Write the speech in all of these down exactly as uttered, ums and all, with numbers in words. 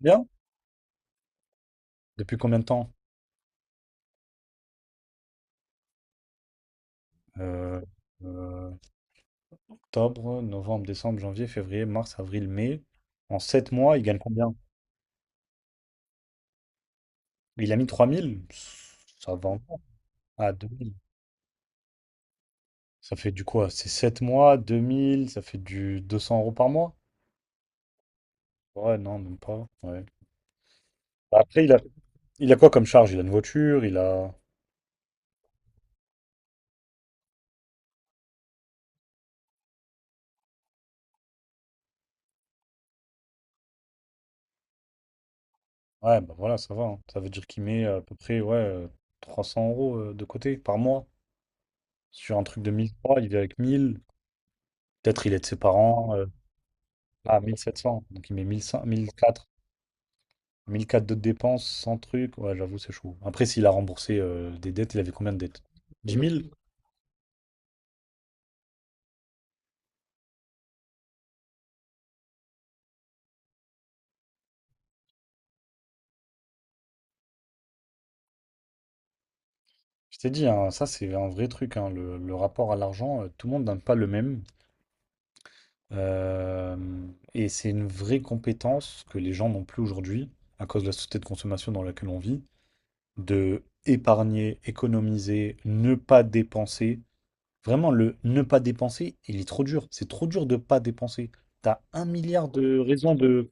Bien. Depuis combien de temps? Euh, euh, Octobre, novembre, décembre, janvier, février, mars, avril, mai. En sept mois, il gagne combien? Il a mis trois mille. Ça va encore. Ah, deux mille. Ça fait du quoi? C'est sept mois, deux mille. Ça fait du deux cents euros par mois? Ouais, non, même pas. Ouais. Bah, Après, il a, il a quoi comme charge? Il a une voiture, il a... Ouais, bah voilà, ça va, hein. Ça veut dire qu'il met à peu près, ouais, euh, trois cents euros euh, de côté par mois. Sur un truc de mille trois, il vit avec mille. Peut-être il aide ses parents. euh, Ah, mille sept cents. Donc il met mille cent, mille quatre mille quatre de dépenses, cent trucs. Ouais, j'avoue, c'est chaud. Après, s'il a remboursé euh, des dettes, il avait combien de dettes? Dix mille. Je t'ai dit, hein, ça, c'est un vrai truc, hein, le, le rapport à l'argent, euh, tout le monde n'a pas le même. Euh, et c'est une vraie compétence que les gens n'ont plus aujourd'hui, à cause de la société de consommation dans laquelle on vit, de épargner, économiser, ne pas dépenser. Vraiment, le ne pas dépenser, il est trop dur. C'est trop dur de pas dépenser. T'as un milliard de raisons de...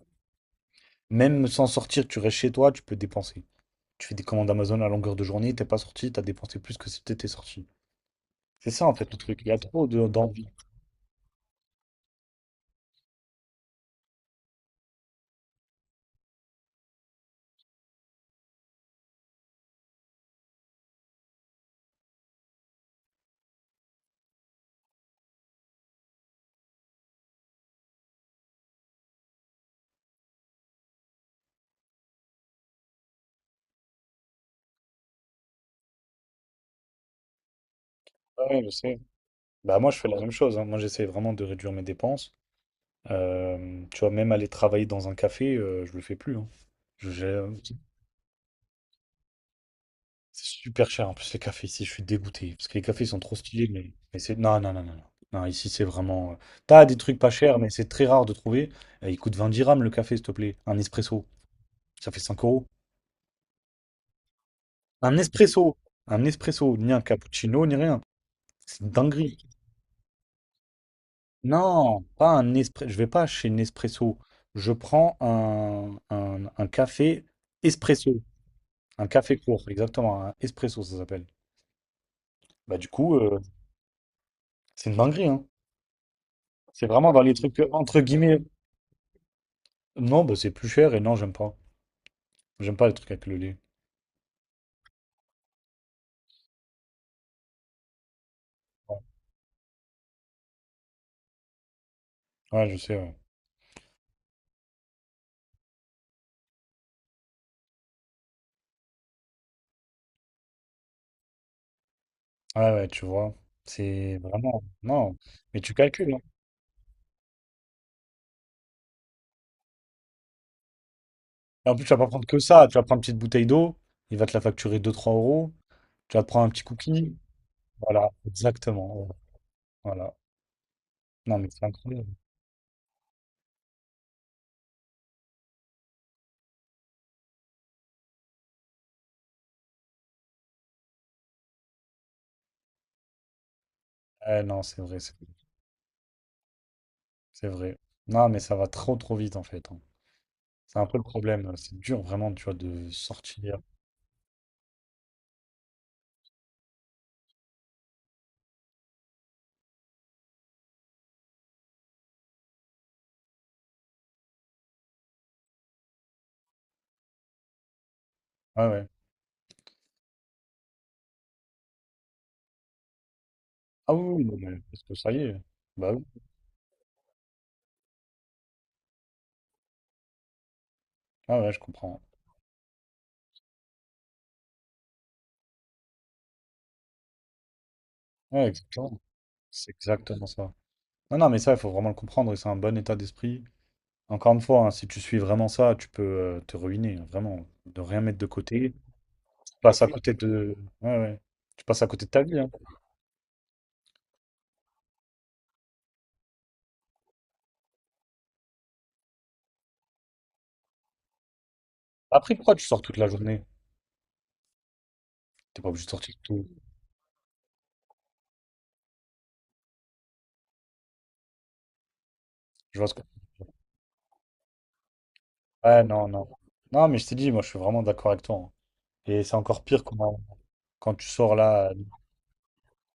Même sans sortir, tu restes chez toi, tu peux dépenser. Tu fais des commandes Amazon à longueur de journée, t'es pas sorti, t'as dépensé plus que si t'étais sorti. C'est ça, en fait, le truc. Il y a trop de- d'envie. Ouais, je sais. Bah moi je fais la même chose, hein. Moi j'essaie vraiment de réduire mes dépenses. Euh, tu vois, même aller travailler dans un café, euh, je le fais plus, hein. Je- j'ai- C'est super cher en plus les cafés ici, je suis dégoûté. Parce que les cafés ils sont trop stylés, mais, mais c'est. Non, non, non, non, non. Non, ici c'est vraiment. euh, T'as des trucs pas chers, mais c'est très rare de trouver. Euh, il coûte vingt dirhams le café, s'il te plaît. Un espresso, ça fait cinq euros. Un espresso! Un espresso, ni un cappuccino, ni rien. C'est une dinguerie. Non, pas un espresso. Je vais pas chez Nespresso. Je prends un, un, un café espresso. Un café court, exactement, un espresso ça s'appelle. Bah du coup, euh, c'est une dinguerie, hein. C'est vraiment dans les trucs euh, entre guillemets. Non, bah c'est plus cher et non, j'aime pas. J'aime pas les trucs avec le lait. Ouais, Ouais, je sais, ouais. Ah ouais, tu vois. C'est vraiment. Non. Mais tu calcules, hein. Et en plus, tu vas pas prendre que ça. Tu vas prendre une petite bouteille d'eau, il va te la facturer deux, trois euros. Tu vas te prendre un petit cookie. Voilà, exactement, ouais. Voilà. Non, mais c'est incroyable. Eh, non, c'est vrai, c'est c'est vrai. Non, mais ça va trop trop vite en fait, hein. C'est un peu le problème. euh, C'est dur vraiment, tu vois, de sortir. Ah ouais. Ah oui, oui, non, mais parce que ça y est. Bah oui. Ah ouais, je comprends. Ouais, exactement. C'est exactement ça. Non, non, mais ça, il faut vraiment le comprendre et c'est un bon état d'esprit. Encore une fois, hein, si tu suis vraiment ça, tu peux euh, te ruiner, hein, vraiment. De rien mettre de côté. Tu passes à côté de. Ouais, ouais. Tu passes à côté de ta vie, hein. Après, pourquoi tu sors toute la journée? T'es pas obligé de sortir tout. Je vois ce que. Ouais, non, non. Non, mais je t'ai dit, moi, je suis vraiment d'accord avec toi, hein. Et c'est encore pire quand, quand tu sors là.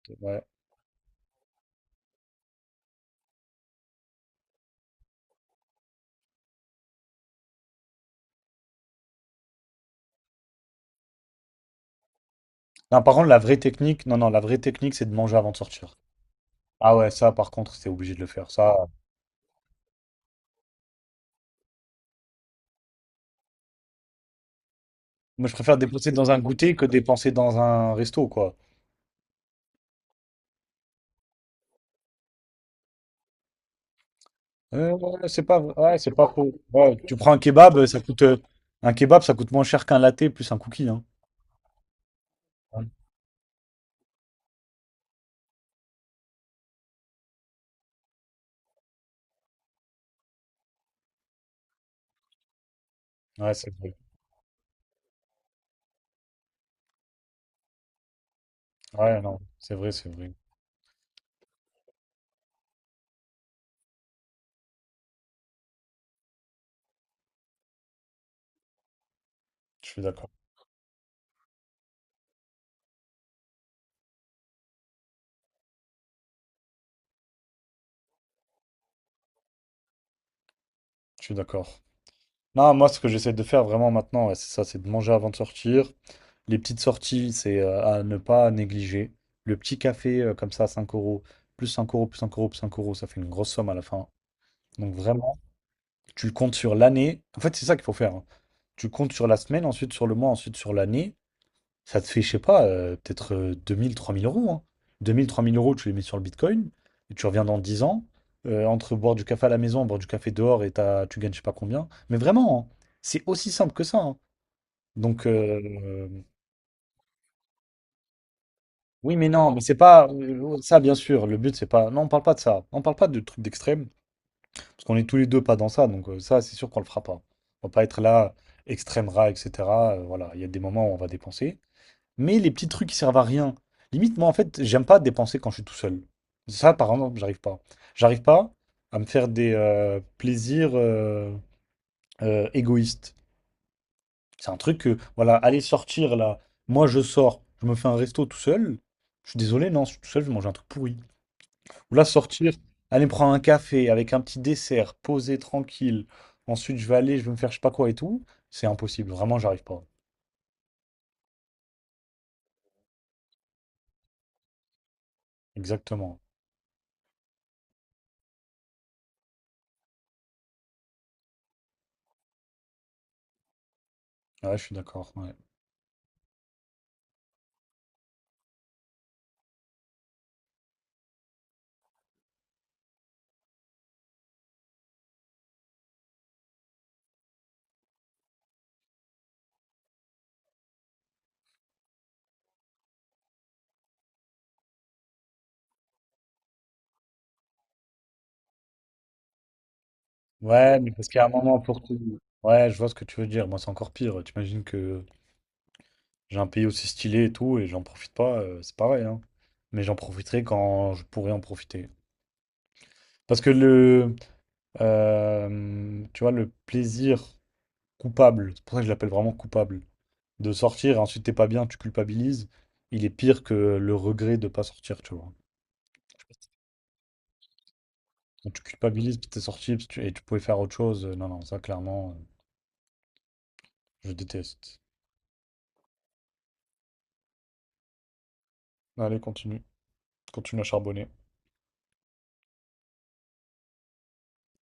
euh, Ouais. Non, par contre, la vraie technique, non, non, la vraie technique, c'est de manger avant de sortir. Ah ouais, ça, par contre, c'est obligé de le faire. Ça, moi, je préfère dépenser dans un goûter que dépenser dans un resto, quoi. Euh, ouais, c'est pas, ouais, c'est pas faux. Ouais, tu prends un kebab, ça coûte, euh, un kebab, ça coûte moins cher qu'un latte plus un cookie, hein. Ouais, c'est vrai. Ouais, non, c'est vrai, c'est vrai. Je suis d'accord. Je suis d'accord. Non, moi, ce que j'essaie de faire vraiment maintenant, ouais, c'est ça, c'est de manger avant de sortir. Les petites sorties, c'est euh, à ne pas négliger. Le petit café, euh, comme ça, à cinq euros, plus cinq euros, plus cinq euros, plus cinq euros, ça fait une grosse somme à la fin. Donc vraiment, tu comptes sur l'année. En fait, c'est ça qu'il faut faire, hein. Tu comptes sur la semaine, ensuite sur le mois, ensuite sur l'année. Ça te fait, je sais pas, euh, peut-être euh, deux mille, trois mille euros. Hein. Deux mille, trois mille euros, tu les mets sur le Bitcoin, et tu reviens dans dix ans. Euh, entre boire du café à la maison, boire du café dehors, et t'as- tu gagnes je sais pas combien. Mais vraiment, hein, c'est aussi simple que ça, hein. Donc, euh, euh, oui, mais non, mais c'est pas euh, oh, ça, bien sûr. Le but, c'est pas. Non, on parle pas de ça. On parle pas de trucs d'extrême, parce qu'on est tous les deux pas dans ça. Donc, euh, ça, c'est sûr qu'on le fera pas. On va pas être là, extrême rat, et cetera. Euh, voilà, il y a des moments où on va dépenser. Mais les petits trucs qui servent à rien. Limite, moi, en fait, j'aime pas dépenser quand je suis tout seul. Ça, par exemple, j'arrive pas. J'arrive pas à me faire des euh, plaisirs euh, euh, égoïstes. C'est un truc que, voilà, aller sortir là, moi je sors, je me fais un resto tout seul. Je suis désolé, non, je suis tout seul, je vais manger un truc pourri. Ou là, sortir, aller me prendre un café avec un petit dessert, posé, tranquille. Ensuite, je vais aller, je vais me faire je sais pas quoi et tout. C'est impossible, vraiment, j'arrive pas. Exactement. Ouais, je suis d'accord, ouais. Ouais, mais parce qu'il y a un moment pour tout. Ouais, je vois ce que tu veux dire. Moi, c'est encore pire. T'imagines que j'ai un pays aussi stylé et tout, et j'en profite pas, euh, c'est pareil, hein. Mais j'en profiterai quand je pourrai en profiter. Parce que le, euh, tu vois, le plaisir coupable, c'est pour ça que je l'appelle vraiment coupable, de sortir et ensuite t'es pas bien, tu culpabilises, il est pire que le regret de pas sortir, tu vois. Quand tu culpabilises parce que t'es sorti parce que tu- et tu pouvais faire autre chose, euh, non, non, ça clairement, euh, je déteste. Allez, continue. Continue à charbonner.